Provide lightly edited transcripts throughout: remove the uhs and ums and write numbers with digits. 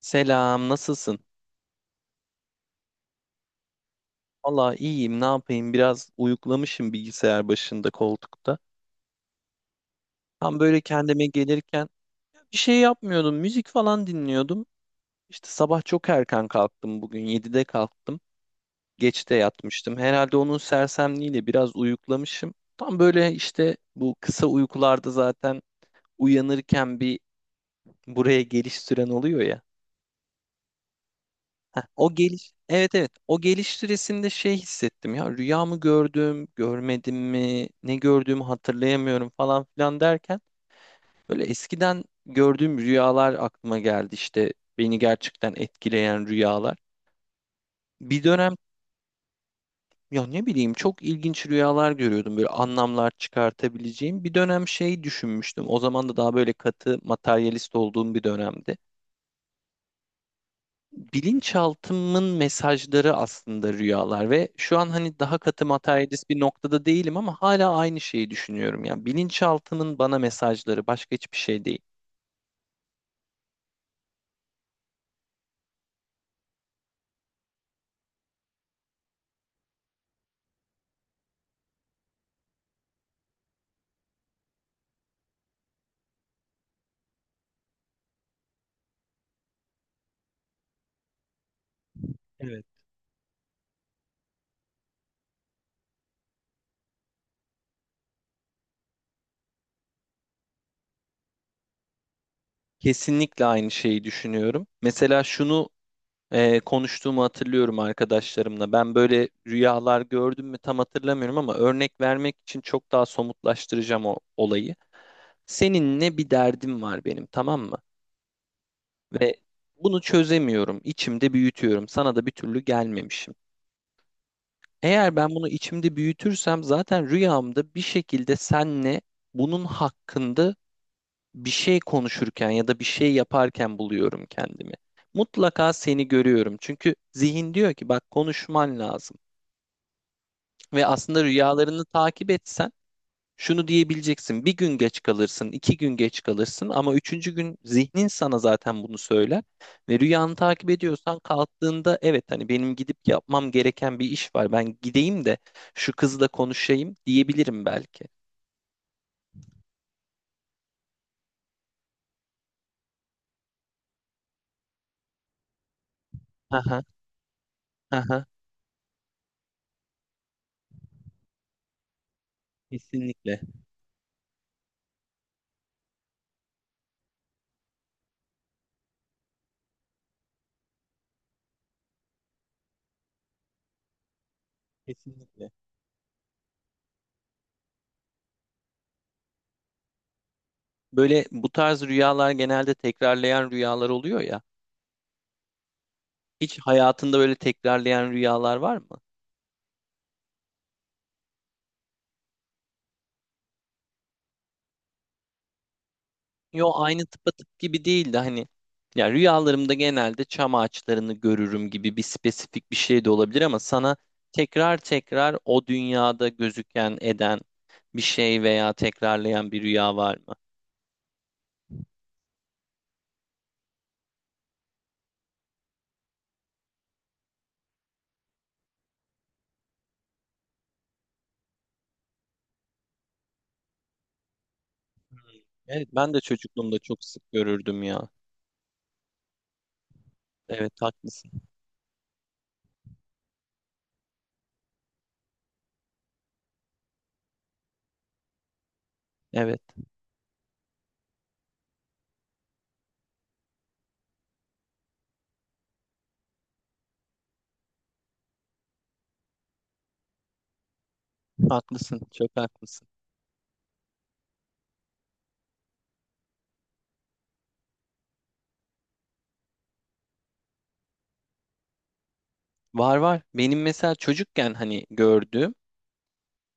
Selam, nasılsın? Valla iyiyim, ne yapayım? Biraz uyuklamışım bilgisayar başında koltukta. Tam böyle kendime gelirken bir şey yapmıyordum, müzik falan dinliyordum. İşte sabah çok erken kalktım bugün, 7'de kalktım. Geç de yatmıştım. Herhalde onun sersemliğiyle biraz uyuklamışım. Tam böyle işte bu kısa uykularda zaten uyanırken bir buraya geliş süren oluyor ya. Heh, o geliş, evet, evet, o geliş süresinde şey hissettim ya, rüya mı gördüm görmedim mi, ne gördüğümü hatırlayamıyorum falan filan derken böyle eskiden gördüğüm rüyalar aklıma geldi, işte beni gerçekten etkileyen rüyalar. Bir dönem ya ne bileyim çok ilginç rüyalar görüyordum, böyle anlamlar çıkartabileceğim bir dönem. Şey düşünmüştüm, o zaman da daha böyle katı materyalist olduğum bir dönemdi. Bilinçaltımın mesajları aslında rüyalar ve şu an hani daha katı materyalist bir noktada değilim ama hala aynı şeyi düşünüyorum. Yani bilinçaltımın bana mesajları, başka hiçbir şey değil. Evet. Kesinlikle aynı şeyi düşünüyorum. Mesela şunu konuştuğumu hatırlıyorum arkadaşlarımla. Ben böyle rüyalar gördüm mü tam hatırlamıyorum ama örnek vermek için çok daha somutlaştıracağım o olayı. Seninle bir derdim var benim, tamam mı? Ve bunu çözemiyorum. İçimde büyütüyorum. Sana da bir türlü gelmemişim. Eğer ben bunu içimde büyütürsem zaten rüyamda bir şekilde senle bunun hakkında bir şey konuşurken ya da bir şey yaparken buluyorum kendimi. Mutlaka seni görüyorum. Çünkü zihin diyor ki bak, konuşman lazım. Ve aslında rüyalarını takip etsen şunu diyebileceksin: bir gün geç kalırsın, iki gün geç kalırsın ama üçüncü gün zihnin sana zaten bunu söyler. Ve rüyanı takip ediyorsan kalktığında evet, hani benim gidip yapmam gereken bir iş var. Ben gideyim de şu kızla konuşayım diyebilirim belki. Aha, aha, kesinlikle, kesinlikle. Böyle bu tarz rüyalar genelde tekrarlayan rüyalar oluyor ya. Hiç hayatında böyle tekrarlayan rüyalar var mı? Yo, aynı tıpatıp gibi değildi hani. Ya rüyalarımda genelde çam ağaçlarını görürüm gibi, bir spesifik bir şey de olabilir ama sana tekrar tekrar o dünyada gözüken eden bir şey veya tekrarlayan bir rüya var mı? Evet, ben de çocukluğumda çok sık görürdüm ya. Evet, haklısın. Evet, haklısın. Çok haklısın. Var var. Benim mesela çocukken hani gördüğüm,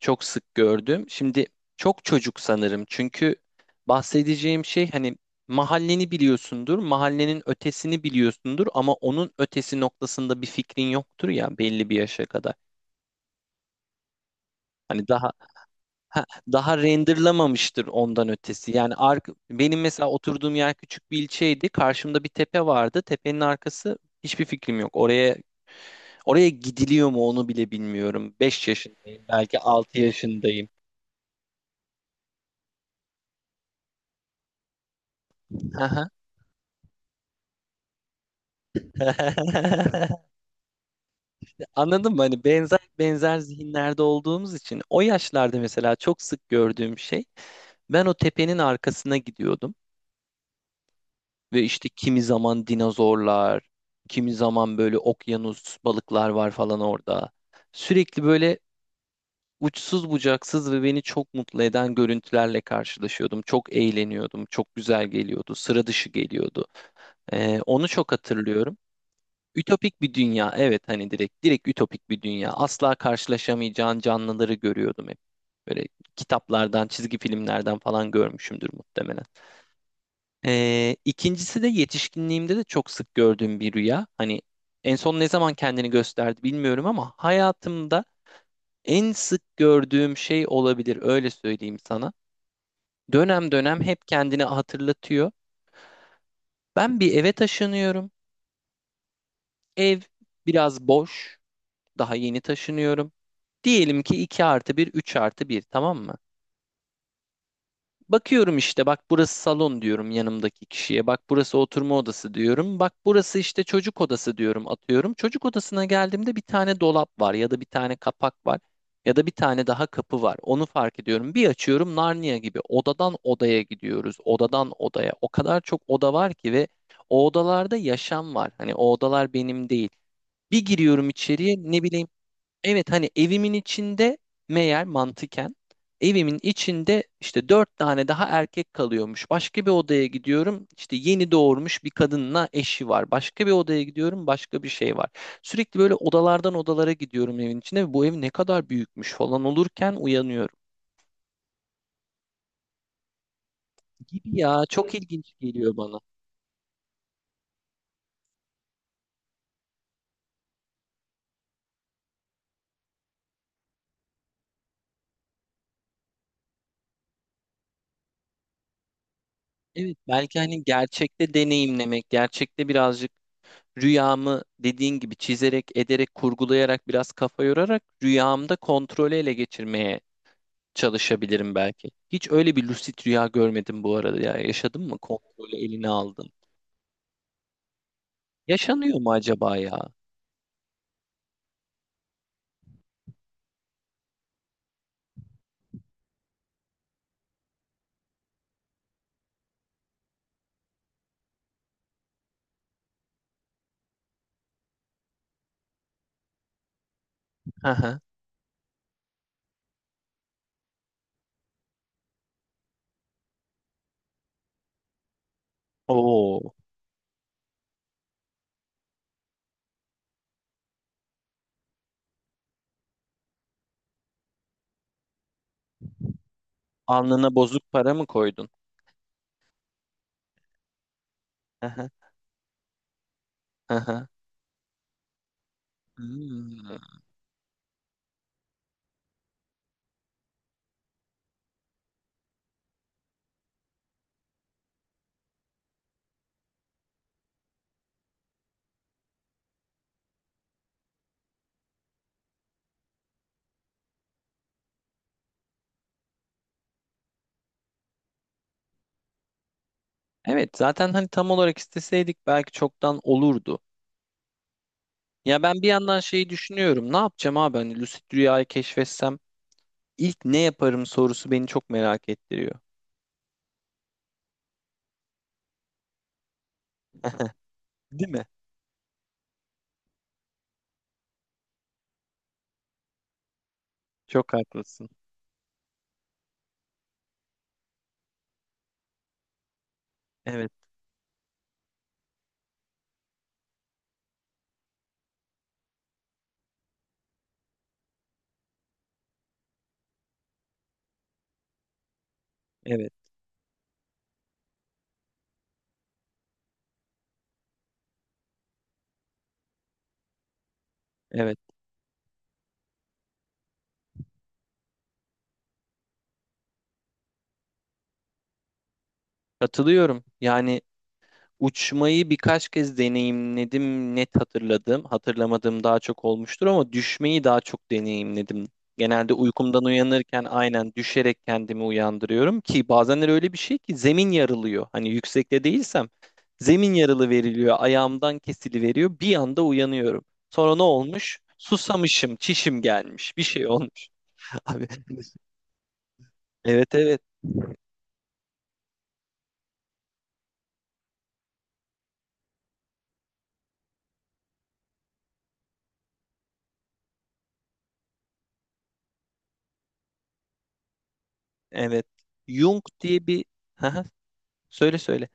çok sık gördüğüm. Şimdi çok çocuk sanırım. Çünkü bahsedeceğim şey, hani mahalleni biliyorsundur, mahallenin ötesini biliyorsundur ama onun ötesi noktasında bir fikrin yoktur ya belli bir yaşa kadar. Hani daha ha, daha renderlamamıştır ondan ötesi. Benim mesela oturduğum yer küçük bir ilçeydi. Karşımda bir tepe vardı. Tepenin arkası, hiçbir fikrim yok. Oraya gidiliyor mu onu bile bilmiyorum. 5 yaşındayım, belki 6 yaşındayım. Aha. Anladın mı? Hani benzer benzer zihinlerde olduğumuz için o yaşlarda mesela çok sık gördüğüm şey, ben o tepenin arkasına gidiyordum ve işte kimi zaman dinozorlar, kimi zaman böyle okyanus balıklar var falan orada. Sürekli böyle uçsuz bucaksız ve beni çok mutlu eden görüntülerle karşılaşıyordum. Çok eğleniyordum, çok güzel geliyordu, sıra dışı geliyordu. Onu çok hatırlıyorum. Ütopik bir dünya, evet, hani direkt direkt ütopik bir dünya. Asla karşılaşamayacağın canlıları görüyordum hep. Böyle kitaplardan, çizgi filmlerden falan görmüşümdür muhtemelen. İkincisi de yetişkinliğimde de çok sık gördüğüm bir rüya. Hani en son ne zaman kendini gösterdi bilmiyorum ama hayatımda en sık gördüğüm şey olabilir, öyle söyleyeyim sana. Dönem dönem hep kendini hatırlatıyor. Ben bir eve taşınıyorum. Ev biraz boş. Daha yeni taşınıyorum. Diyelim ki 2 artı bir, 3 artı bir, tamam mı? Bakıyorum işte, bak burası salon diyorum yanımdaki kişiye. Bak burası oturma odası diyorum. Bak burası işte çocuk odası diyorum, atıyorum. Çocuk odasına geldiğimde bir tane dolap var ya da bir tane kapak var ya da bir tane daha kapı var. Onu fark ediyorum. Bir açıyorum, Narnia gibi odadan odaya gidiyoruz. Odadan odaya. O kadar çok oda var ki ve o odalarda yaşam var. Hani o odalar benim değil. Bir giriyorum içeriye, ne bileyim. Evet, hani evimin içinde meğer mantıken evimin içinde işte dört tane daha erkek kalıyormuş. Başka bir odaya gidiyorum, işte yeni doğurmuş bir kadınla eşi var. Başka bir odaya gidiyorum, başka bir şey var. Sürekli böyle odalardan odalara gidiyorum evin içinde ve bu ev ne kadar büyükmüş falan olurken uyanıyorum. Gibi ya, çok ilginç geliyor bana. Evet, belki hani gerçekte deneyimlemek, gerçekte birazcık rüyamı, dediğin gibi çizerek, ederek, kurgulayarak biraz kafa yorarak rüyamda kontrolü ele geçirmeye çalışabilirim belki. Hiç öyle bir lucid rüya görmedim bu arada ya. Yaşadın mı? Kontrolü eline aldın. Yaşanıyor mu acaba ya? Hı hı. Oo. Alnına bozuk para mı koydun? Aha, aha. Hmm. Evet, zaten hani tam olarak isteseydik belki çoktan olurdu. Ya ben bir yandan şeyi düşünüyorum. Ne yapacağım abi, hani lucid rüyayı keşfetsem ilk ne yaparım sorusu beni çok merak ettiriyor. Değil mi? Çok haklısın. Evet, evet, evet. Katılıyorum. Yani uçmayı birkaç kez deneyimledim. Net hatırladım. Hatırlamadığım daha çok olmuştur ama düşmeyi daha çok deneyimledim. Genelde uykumdan uyanırken aynen düşerek kendimi uyandırıyorum ki bazenler öyle bir şey ki zemin yarılıyor. Hani yüksekte değilsem zemin yarılı veriliyor, ayağımdan kesili veriyor. Bir anda uyanıyorum. Sonra ne olmuş? Susamışım, çişim gelmiş, bir şey olmuş. Abi. Evet, evet. Evet. Jung diye bir haha, söyle söyle.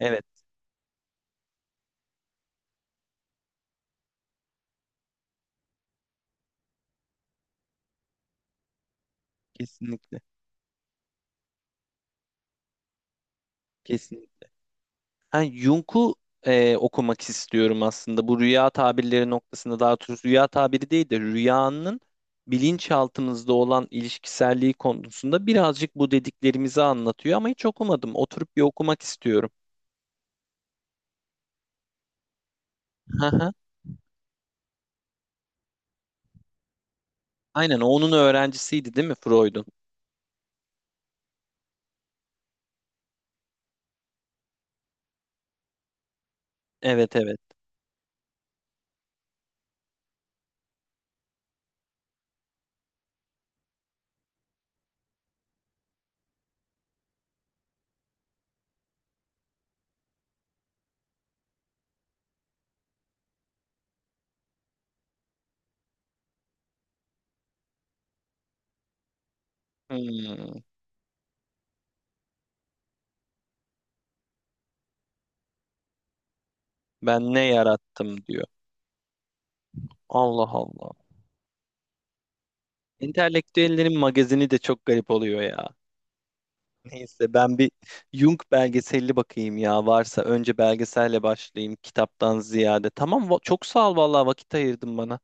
Evet, kesinlikle. Kesinlikle. Ha, Jung'u okumak istiyorum aslında. Bu rüya tabirleri noktasında, daha doğrusu rüya tabiri değil de rüyanın bilinçaltımızda olan ilişkiselliği konusunda birazcık bu dediklerimizi anlatıyor ama hiç okumadım. Oturup bir okumak istiyorum. Haha. Aynen, o onun öğrencisiydi değil mi Freud'un? Evet, evet. Hmm, Ben ne yarattım diyor. Allah Allah. Entelektüellerin magazini de çok garip oluyor ya. Neyse, ben bir Jung belgeselli bakayım ya, varsa önce belgeselle başlayayım kitaptan ziyade. Tamam, çok sağ ol vallahi, vakit ayırdın bana.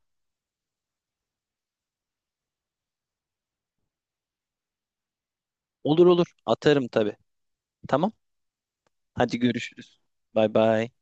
Olur olur, atarım tabii. Tamam, hadi görüşürüz. Bay bay.